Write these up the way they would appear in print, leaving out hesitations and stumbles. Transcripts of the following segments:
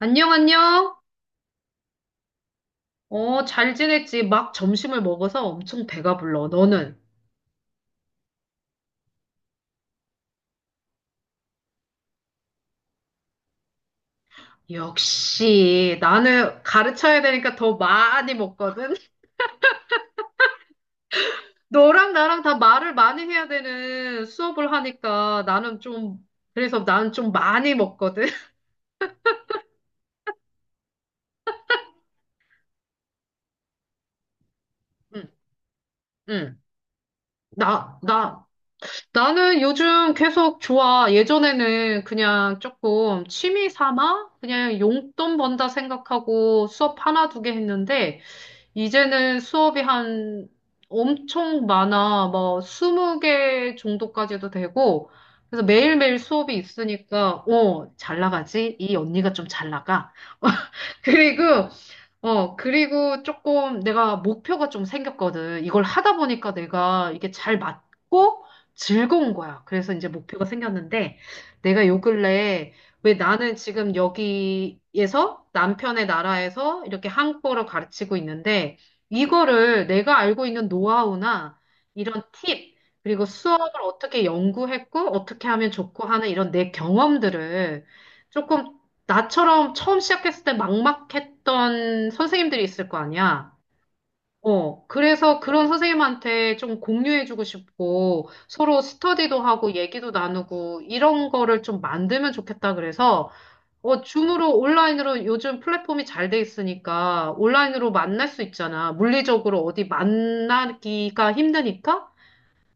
안녕, 안녕. 어, 잘 지냈지? 막 점심을 먹어서 엄청 배가 불러. 너는? 역시, 나는 가르쳐야 되니까 더 많이 먹거든? 너랑 나랑 다 말을 많이 해야 되는 수업을 하니까 나는 좀, 그래서 나는 좀 많이 먹거든? 응, 응. 나, 나, 나는 요즘 계속 좋아. 예전에는 그냥 조금 취미 삼아? 그냥 용돈 번다 생각하고 수업 하나 두 개 했는데, 이제는 수업이 한 엄청 많아. 뭐 20개 정도까지도 되고. 그래서 매일매일 수업이 있으니까, 어, 잘 나가지? 이 언니가 좀 잘 나가. 그리고 그리고 조금 내가 목표가 좀 생겼거든. 이걸 하다 보니까 내가 이게 잘 맞고 즐거운 거야. 그래서 이제 목표가 생겼는데 내가 요 근래에 왜 나는 지금 여기에서 남편의 나라에서 이렇게 한국어를 가르치고 있는데 이거를 내가 알고 있는 노하우나 이런 팁, 그리고 수업을 어떻게 연구했고 어떻게 하면 좋고 하는 이런 내 경험들을 조금 나처럼 처음 시작했을 때 막막했던 선생님들이 있을 거 아니야. 어, 그래서 그런 선생님한테 좀 공유해주고 싶고, 서로 스터디도 하고, 얘기도 나누고, 이런 거를 좀 만들면 좋겠다 그래서, 어, 줌으로, 온라인으로 요즘 플랫폼이 잘 돼 있으니까, 온라인으로 만날 수 있잖아. 물리적으로 어디 만나기가 힘드니까,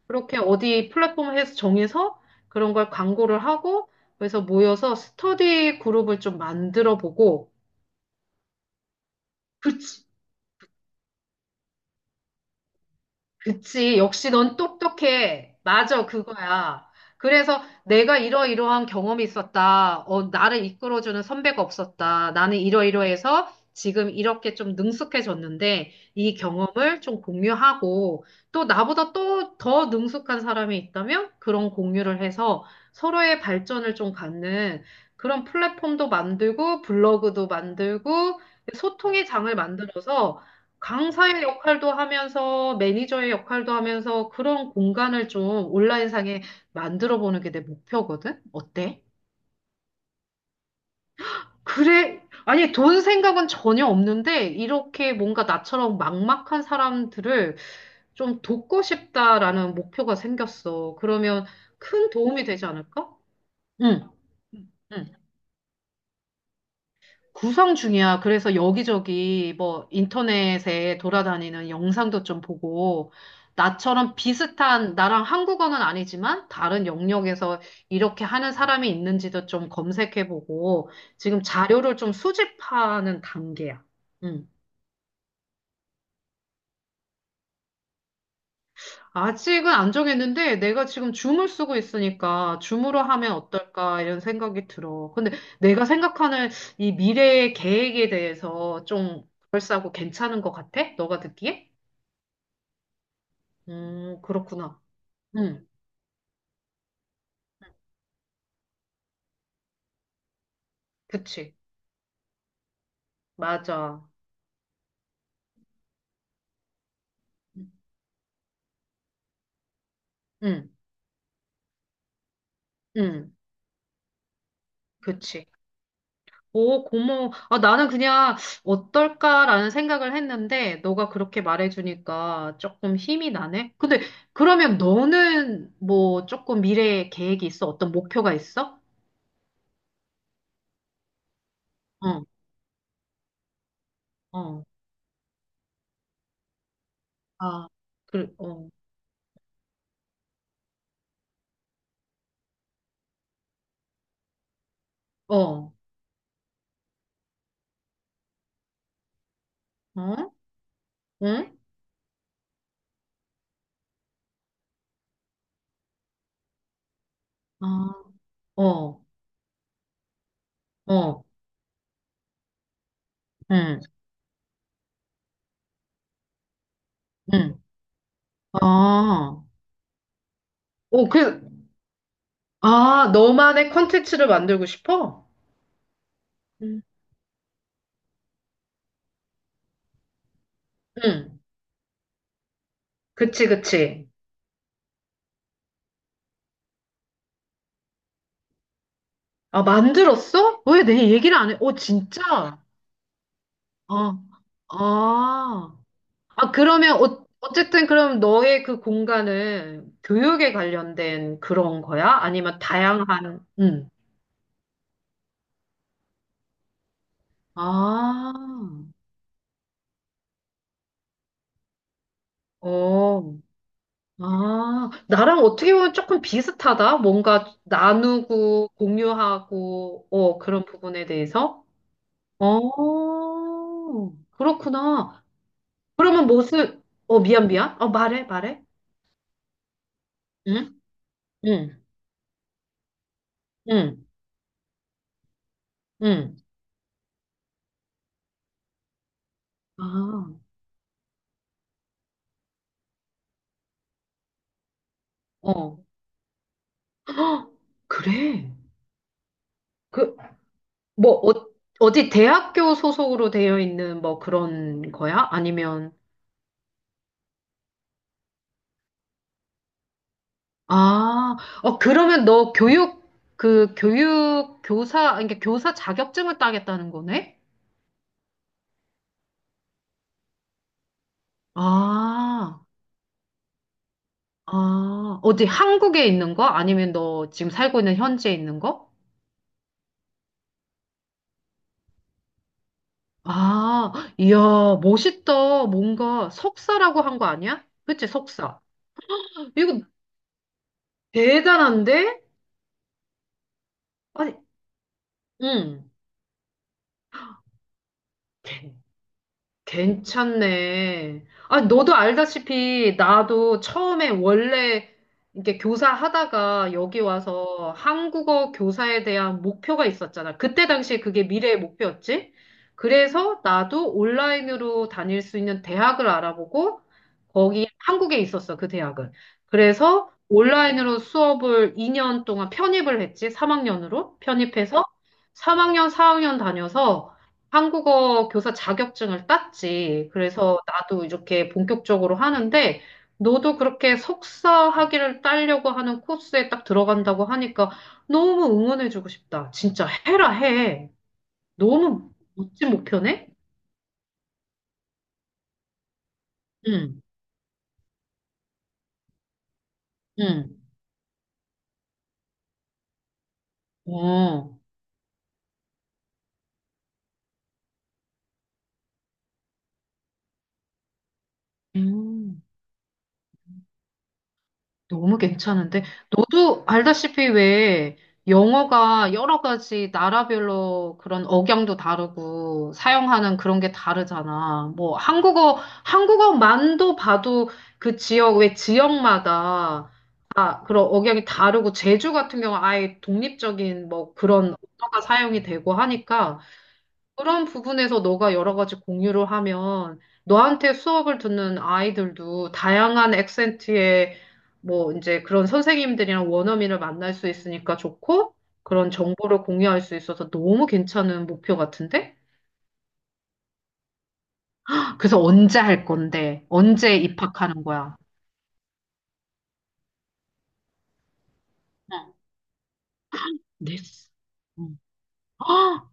그렇게 어디 플랫폼에서 정해서 그런 걸 광고를 하고, 그래서 모여서 스터디 그룹을 좀 만들어 보고, 그치, 그치. 역시 넌 똑똑해. 맞아, 그거야. 그래서 내가 이러이러한 경험이 있었다. 어, 나를 이끌어주는 선배가 없었다. 나는 이러이러해서 지금 이렇게 좀 능숙해졌는데 이 경험을 좀 공유하고 또 나보다 또 더 능숙한 사람이 있다면 그런 공유를 해서 서로의 발전을 좀 갖는 그런 플랫폼도 만들고 블로그도 만들고 소통의 장을 만들어서 강사의 역할도 하면서 매니저의 역할도 하면서 그런 공간을 좀 온라인상에 만들어 보는 게 내 목표거든? 어때? 그래. 아니, 돈 생각은 전혀 없는데, 이렇게 뭔가 나처럼 막막한 사람들을 좀 돕고 싶다라는 목표가 생겼어. 그러면 큰 도움이 되지 않을까? 응. 응. 구상 중이야. 그래서 여기저기 뭐 인터넷에 돌아다니는 영상도 좀 보고, 나처럼 비슷한, 나랑 한국어는 아니지만 다른 영역에서 이렇게 하는 사람이 있는지도 좀 검색해보고, 지금 자료를 좀 수집하는 단계야. 음. 아직은 안 정했는데, 내가 지금 줌을 쓰고 있으니까, 줌으로 하면 어떨까, 이런 생각이 들어. 근데 내가 생각하는 이 미래의 계획에 대해서 좀 그럴싸하고 괜찮은 것 같아? 너가 듣기에? 그렇구나. 응, 그치. 맞아. 응, 응, 그치. 오, 고마워. 아, 나는 그냥 어떨까라는 생각을 했는데, 너가 그렇게 말해주니까 조금 힘이 나네? 근데, 그러면 너는 뭐 조금 미래에 계획이 있어? 어떤 목표가 있어? 어, 어, 아, 그, 어, 어, 어? 응? 아, 어, 어, 응, 응, 아, 오, 그, 아, 너만의 콘텐츠를 만들고 싶어? 음. 응. 응. 그치, 그치. 아, 만들었어? 왜 내 얘기를 안 해? 어, 진짜? 아, 아. 아, 그러면, 어, 어쨌든 그럼 너의 그 공간은 교육에 관련된 그런 거야? 아니면 다양한, 응. 아, 어, 아. 나랑 어떻게 보면 조금 비슷하다? 뭔가 나누고, 공유하고, 어, 그런 부분에 대해서? 어, 그렇구나. 그러면 무슨, 어, 미안, 미안. 어, 말해, 말해. 응? 응, 응, 응. 아, 어, 그래. 그, 뭐, 어, 어디 대학교 소속으로 되어 있는 뭐 그런 거야? 아니면, 아, 어, 그러면 너 교육, 그 교육, 교사, 아니, 그러니까 교사 자격증을 따겠다는 거네? 아, 아, 어디 한국에 있는 거? 아니면 너 지금 살고 있는 현지에 있는 거? 아, 이야, 멋있다. 뭔가 석사라고 한 거 아니야? 그치, 석사. 이거 대단한데? 아니, 응. 괜찮네. 아, 너도 알다시피 나도 처음에 원래 이렇게 교사 하다가 여기 와서 한국어 교사에 대한 목표가 있었잖아. 그때 당시에 그게 미래의 목표였지. 그래서 나도 온라인으로 다닐 수 있는 대학을 알아보고 거기 한국에 있었어, 그 대학은. 그래서 온라인으로 수업을 2년 동안 편입을 했지. 3학년으로 편입해서 3학년, 4학년 다녀서 한국어 교사 자격증을 땄지. 그래서 나도 이렇게 본격적으로 하는데, 너도 그렇게 석사 학위를 따려고 하는 코스에 딱 들어간다고 하니까 너무 응원해주고 싶다. 진짜 해라, 해. 너무 멋진 목표네? 응, 응. 어. 음. 너무 괜찮은데? 너도 알다시피 왜 영어가 여러 가지 나라별로 그런 억양도 다르고 사용하는 그런 게 다르잖아. 뭐 한국어만도 봐도 그 지역, 왜 지역마다 아, 그런 억양이 다르고 제주 같은 경우 아예 독립적인 뭐 그런 언어가 사용이 되고 하니까 그런 부분에서 너가 여러 가지 공유를 하면 너한테 수업을 듣는 아이들도 다양한 액센트의 뭐 이제 그런 선생님들이랑 원어민을 만날 수 있으니까 좋고 그런 정보를 공유할 수 있어서 너무 괜찮은 목표 같은데? 그래서 언제 할 건데? 언제 입학하는 거야? 응. 네스. 응. 아!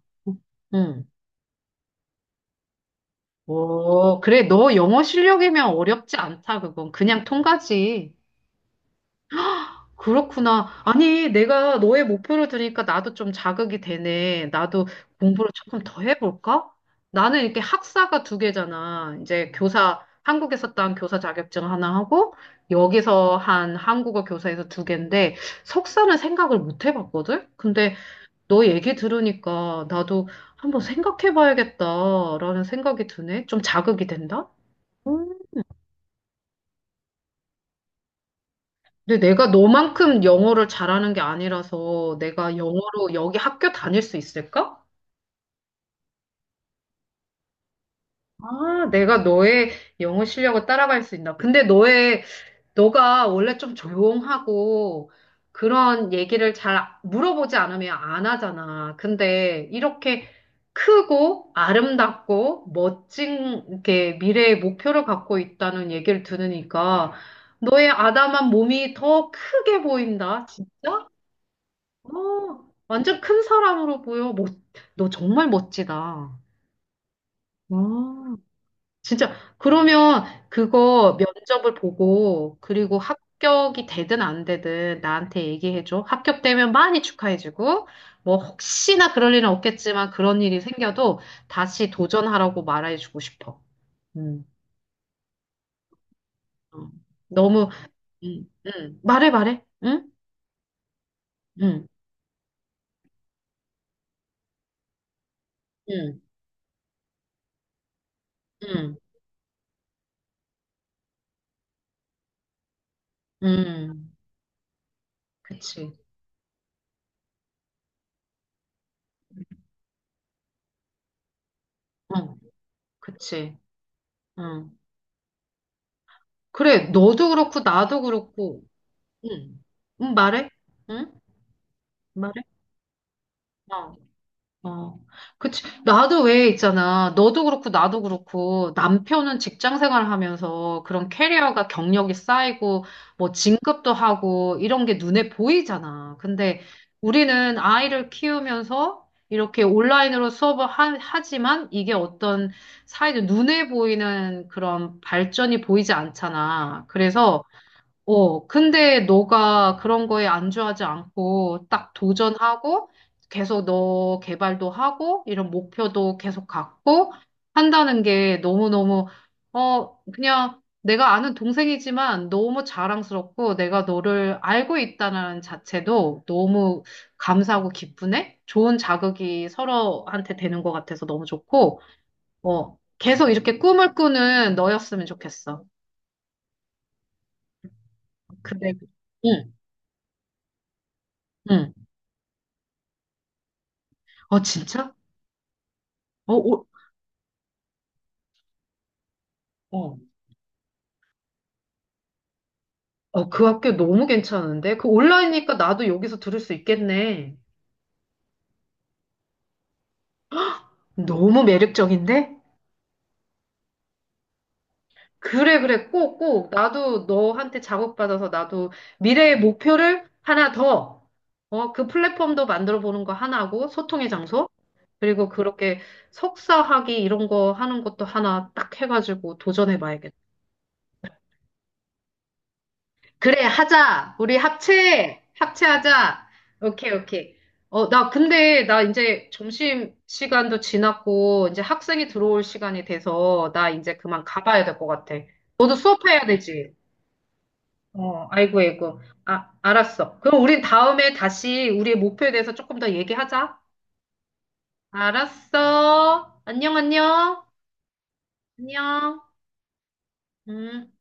응. 오, 그래. 너 영어 실력이면 어렵지 않다, 그건. 그냥 통과지. 그렇구나. 아니, 내가 너의 목표를 들으니까 나도 좀 자극이 되네. 나도 공부를 조금 더 해볼까? 나는 이렇게 학사가 두 개잖아. 이제 교사, 한국에서 딴 교사 자격증 하나 하고, 여기서 한 한국어 교사에서 두 개인데, 석사는 생각을 못 해봤거든? 근데 너 얘기 들으니까 나도 한번 생각해봐야겠다라는 생각이 드네. 좀 자극이 된다? 음. 근데 내가 너만큼 영어를 잘하는 게 아니라서 내가 영어로 여기 학교 다닐 수 있을까? 아, 내가 너의 영어 실력을 따라갈 수 있나? 근데 너의, 너가 원래 좀 조용하고 그런 얘기를 잘 물어보지 않으면 안 하잖아. 근데 이렇게 크고 아름답고 멋진 이렇게 미래의 목표를 갖고 있다는 얘기를 들으니까 너의 아담한 몸이 더 크게 보인다. 진짜? 어, 완전 큰 사람으로 보여. 너 정말 멋지다. 와, 진짜. 그러면 그거 면접을 보고, 그리고 합격이 되든 안 되든 나한테 얘기해줘. 합격되면 많이 축하해주고, 뭐, 혹시나 그럴 일은 없겠지만 그런 일이 생겨도 다시 도전하라고 말해주고 싶어. 음. 어. 너무, 말해, 말해. 응? 응, 응, 응, 응. 그치. 어, 그치. 어. 그래, 너도 그렇고, 나도 그렇고, 응, 응, 말해? 응? 말해? 어, 어. 그치. 나도 왜 있잖아. 너도 그렇고, 나도 그렇고, 남편은 직장 생활을 하면서 그런 캐리어가 경력이 쌓이고, 뭐, 진급도 하고, 이런 게 눈에 보이잖아. 근데 우리는 아이를 키우면서 이렇게 온라인으로 수업을 하지만 이게 어떤 사회적 눈에 보이는 그런 발전이 보이지 않잖아. 그래서, 어, 근데 너가 그런 거에 안주하지 않고 딱 도전하고 계속 너 개발도 하고 이런 목표도 계속 갖고 한다는 게 너무너무, 어, 그냥 내가 아는 동생이지만 너무 자랑스럽고 내가 너를 알고 있다는 자체도 너무 감사하고 기쁘네? 좋은 자극이 서로한테 되는 것 같아서 너무 좋고, 어, 계속 이렇게 꿈을 꾸는 너였으면 좋겠어. 근데, 응, 응. 어, 진짜? 어, 오, 어, 어, 그 학교 너무 괜찮은데? 그 온라인이니까 나도 여기서 들을 수 있겠네. 너무 매력적인데? 그래, 그래. 꼭, 꼭. 나도 너한테 작업받아서 나도 미래의 목표를 하나 더, 어, 그 플랫폼도 만들어 보는 거 하나고, 소통의 장소. 그리고 그렇게 석사학위 이런 거 하는 것도 하나 딱 해가지고 도전해 봐야겠다. 그래, 하자. 우리 합체. 합체하자. 오케이, 오케이. 어, 나 근데 나 이제 점심 시간도 지났고 이제 학생이 들어올 시간이 돼서 나 이제 그만 가봐야 될 것 같아. 너도 수업해야 되지. 어, 아이고, 아이고. 아, 알았어. 그럼 우린 다음에 다시 우리의 목표에 대해서 조금 더 얘기하자. 알았어. 안녕, 안녕. 안녕. 음.